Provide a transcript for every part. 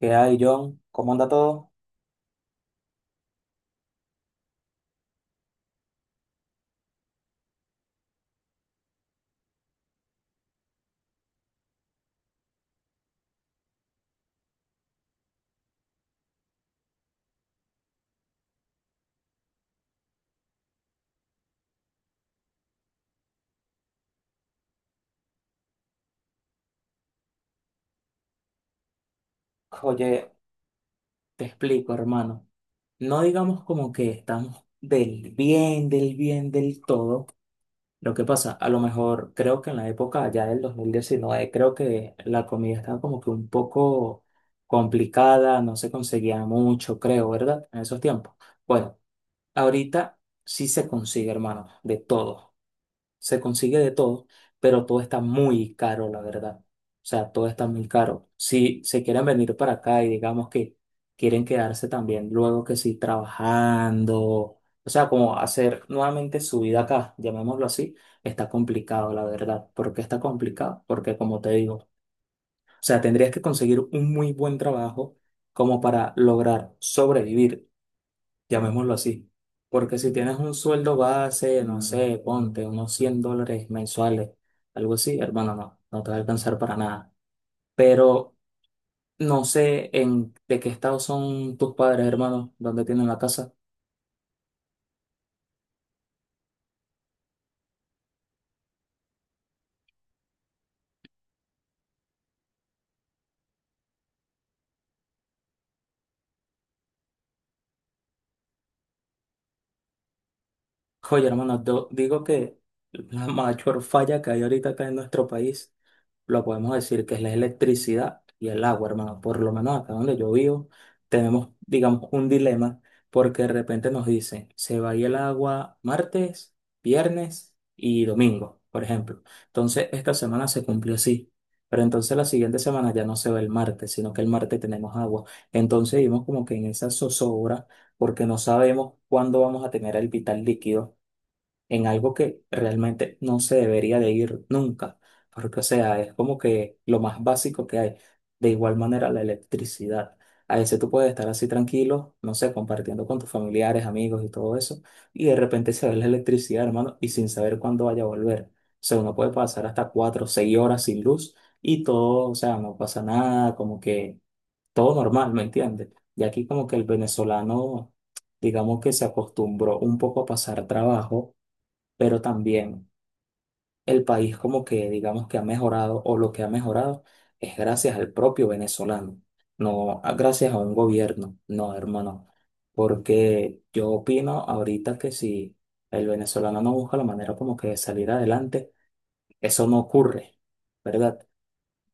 ¿Qué hay, John? ¿Cómo anda todo? Oye, te explico, hermano. No digamos como que estamos del bien, del bien, del todo. Lo que pasa, a lo mejor creo que en la época ya del 2019 creo que la comida estaba como que un poco complicada, no se conseguía mucho, creo, ¿verdad? En esos tiempos. Bueno, ahorita sí se consigue, hermano, de todo. se consigue de todo, pero todo está muy caro, la verdad. O sea, todo está muy caro. Si se quieren venir para acá y digamos que quieren quedarse también luego que sí trabajando, o sea, como hacer nuevamente su vida acá, llamémoslo así, está complicado, la verdad. ¿Por qué está complicado? Porque como te digo, o sea, tendrías que conseguir un muy buen trabajo como para lograr sobrevivir, llamémoslo así. Porque si tienes un sueldo base, no sé, ponte unos $100 mensuales, algo así, hermano, no te va a alcanzar para nada. Pero no sé en de qué estado son tus padres, hermano, dónde tienen la casa. Oye, hermano, yo digo que la mayor falla que hay ahorita acá en nuestro país lo podemos decir que es la electricidad y el agua, hermano. Por lo menos acá donde yo vivo, tenemos, digamos, un dilema porque de repente nos dicen, se va a ir el agua martes, viernes y domingo, por ejemplo. Entonces, esta semana se cumplió así. Pero entonces la siguiente semana ya no se va el martes, sino que el martes tenemos agua. Entonces vivimos como que en esa zozobra porque no sabemos cuándo vamos a tener el vital líquido en algo que realmente no se debería de ir nunca, porque, o sea, es como que lo más básico que hay. De igual manera la electricidad. A veces tú puedes estar así tranquilo, no sé, compartiendo con tus familiares, amigos y todo eso, y de repente se ve la electricidad, hermano, y sin saber cuándo vaya a volver. O sea, uno puede pasar hasta 4 o 6 horas sin luz y todo, o sea, no pasa nada, como que todo normal, ¿me entiendes? Y aquí como que el venezolano, digamos que se acostumbró un poco a pasar trabajo, pero también el país como que digamos que ha mejorado, o lo que ha mejorado es gracias al propio venezolano, no a- gracias a un gobierno, no, hermano, porque yo opino ahorita que si el venezolano no busca la manera como que de salir adelante, eso no ocurre, ¿verdad?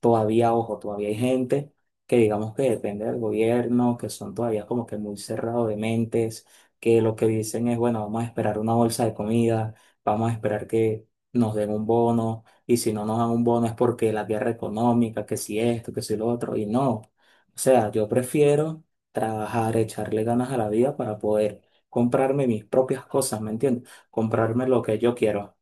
Todavía, ojo, todavía hay gente que digamos que depende del gobierno, que son todavía como que muy cerrados de mentes, que lo que dicen es, bueno, vamos a esperar una bolsa de comida, vamos a esperar que nos den un bono, y si no nos dan un bono es porque la guerra económica, que si esto, que si lo otro, y no. O sea, yo prefiero trabajar, echarle ganas a la vida para poder comprarme mis propias cosas, ¿me entiendes? Comprarme lo que yo quiero.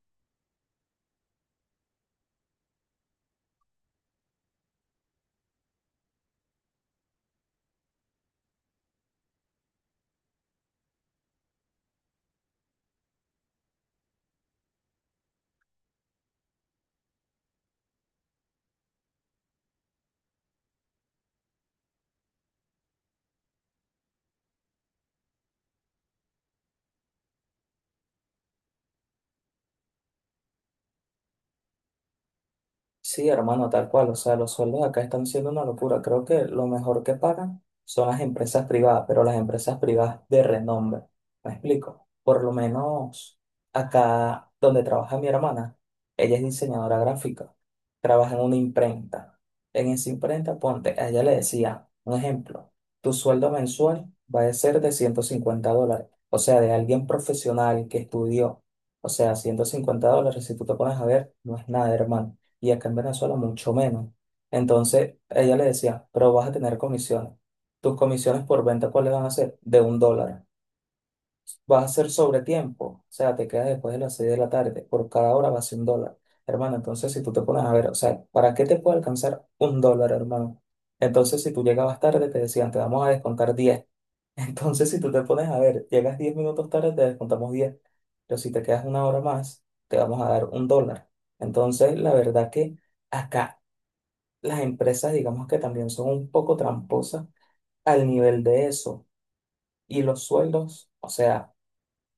Sí, hermano, tal cual. O sea, los sueldos acá están siendo una locura. Creo que lo mejor que pagan son las empresas privadas, pero las empresas privadas de renombre. ¿Me explico? Por lo menos acá donde trabaja mi hermana, ella es diseñadora gráfica, trabaja en una imprenta. En esa imprenta, ponte, a ella le decía, un ejemplo, tu sueldo mensual va a ser de $150. O sea, de alguien profesional que estudió. O sea, $150, si tú te pones a ver, no es nada, hermano, y acá en Venezuela mucho menos. Entonces ella le decía, pero vas a tener comisiones. ¿Tus comisiones por venta cuáles van a ser? De $1. Vas a hacer sobre tiempo, o sea, te quedas después de las 6 de la tarde, por cada hora va a ser $1. Hermano, entonces si tú te pones a ver, o sea, ¿para qué te puede alcanzar $1, hermano? Entonces si tú llegabas tarde, te decían, te vamos a descontar diez. Entonces si tú te pones a ver, llegas 10 minutos tarde, te descontamos diez. Pero si te quedas una hora más, te vamos a dar $1. Entonces, la verdad que... Acá las empresas, digamos que también son un poco tramposas al nivel de eso. Y los sueldos, o sea,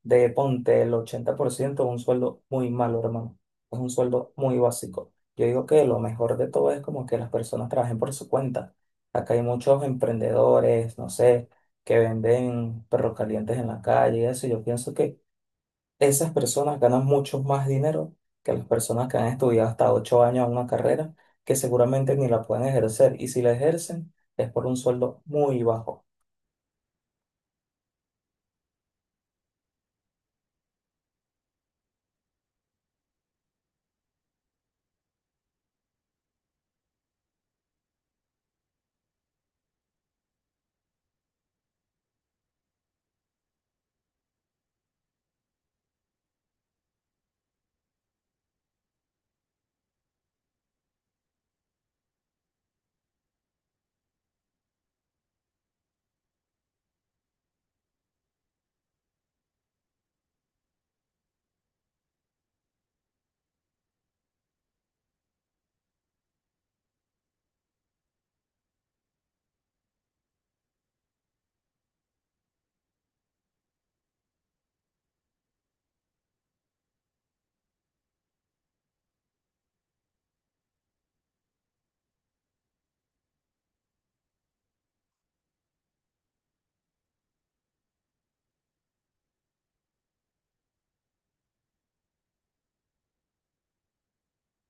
de ponte el 80% es un sueldo muy malo, hermano. Es un sueldo muy básico. Yo digo que lo mejor de todo es como que las personas trabajen por su cuenta. Acá hay muchos emprendedores, no sé, que venden perros calientes en la calle y eso. Yo pienso que esas personas ganan mucho más dinero que las personas que han estudiado hasta 8 años una carrera que seguramente ni la pueden ejercer. Y si la ejercen, es por un sueldo muy bajo.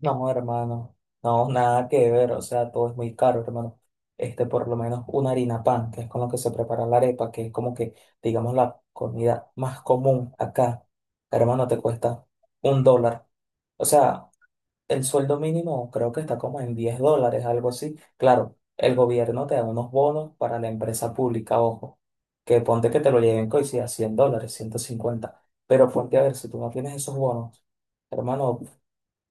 No, hermano, no, nada que ver. O sea, todo es muy caro, hermano. Este, por lo menos una harina pan, que es con lo que se prepara la arepa, que es como que, digamos, la comida más común acá, hermano, te cuesta $1. O sea, el sueldo mínimo creo que está como en $10, algo así. Claro, el gobierno te da unos bonos para la empresa pública, ojo, que ponte que te lo lleguen y si a $100, ciento cincuenta. Pero ponte a ver, si tú no tienes esos bonos, hermano,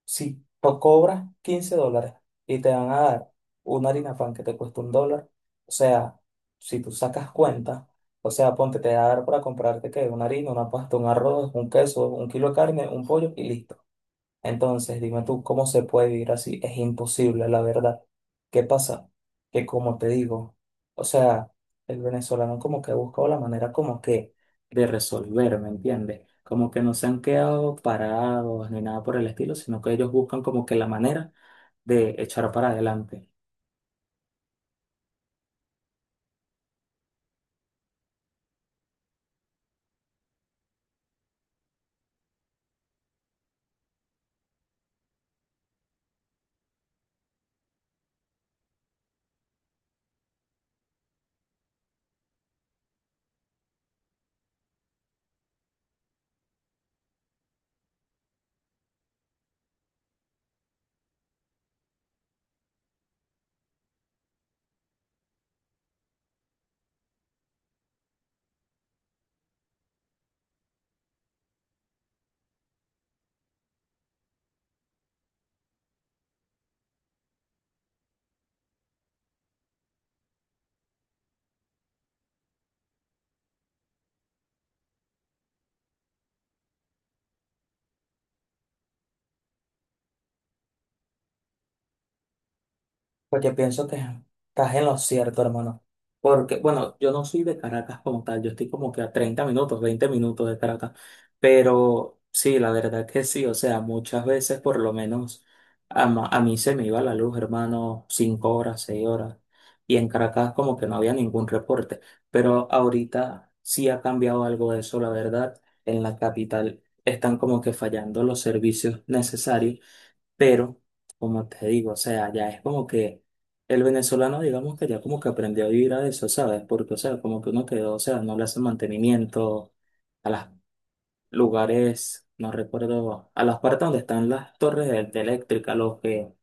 si tú cobras $15 y te van a dar una harina pan que te cuesta $1, o sea, si tú sacas cuenta, o sea, ponte, te va a dar para comprarte que una harina, una pasta, un arroz, un queso, un kilo de carne, un pollo y listo. Entonces, dime tú, ¿cómo se puede vivir así? Es imposible, la verdad. ¿Qué pasa? Que como te digo, o sea, el venezolano como que ha buscado la manera como que de resolver, ¿me entiendes? Como que no se han quedado parados ni nada por el estilo, sino que ellos buscan como que la manera de echar para adelante. Pues yo pienso que estás en lo cierto, hermano. Porque, bueno, yo no soy de Caracas como tal, yo estoy como que a 30 minutos, 20 minutos de Caracas. Pero sí, la verdad que sí, o sea, muchas veces por lo menos a mí se me iba la luz, hermano, 5 horas, 6 horas. Y en Caracas como que no había ningún reporte. Pero ahorita sí ha cambiado algo de eso, la verdad. En la capital están como que fallando los servicios necesarios, pero, como te digo, o sea, ya es como que el venezolano, digamos que ya como que aprendió a vivir a eso, ¿sabes? Porque, o sea, como que uno quedó, o sea, no le hace mantenimiento a los lugares, no recuerdo, a las partes donde están las torres de eléctrica, los que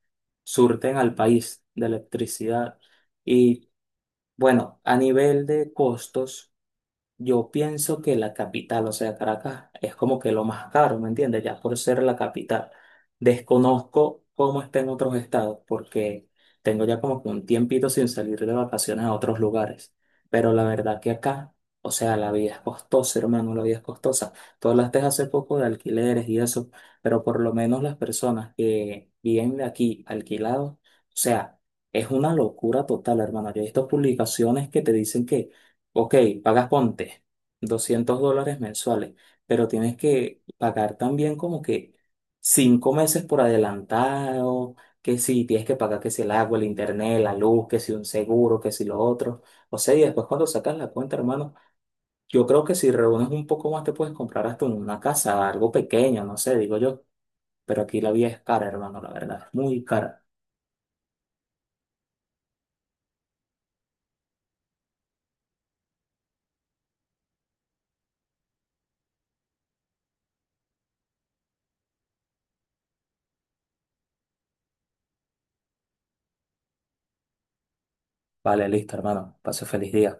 surten al país de electricidad. Y bueno, a nivel de costos. Yo pienso que la capital, o sea, Caracas, es como que lo más caro, ¿me entiendes? Ya por ser la capital. Desconozco cómo está en otros estados, porque tengo ya como que un tiempito sin salir de vacaciones a otros lugares. Pero la verdad que acá, o sea, la vida es costosa, hermano, la vida es costosa. Tú hablaste hace poco de alquileres y eso, pero por lo menos las personas que viven de aquí alquilados, o sea, es una locura total, hermano. Yo he visto publicaciones que te dicen que, ok, pagas ponte $200 mensuales, pero tienes que pagar también como que 5 meses por adelantado, que si tienes que pagar que si el agua, el internet, la luz, que si un seguro, que si lo otro. O sea, y después cuando sacas la cuenta, hermano, yo creo que si reúnes un poco más te puedes comprar hasta una casa, algo pequeño, no sé, digo yo. Pero aquí la vida es cara, hermano, la verdad, es muy cara. Vale, listo, hermano. Pase feliz día.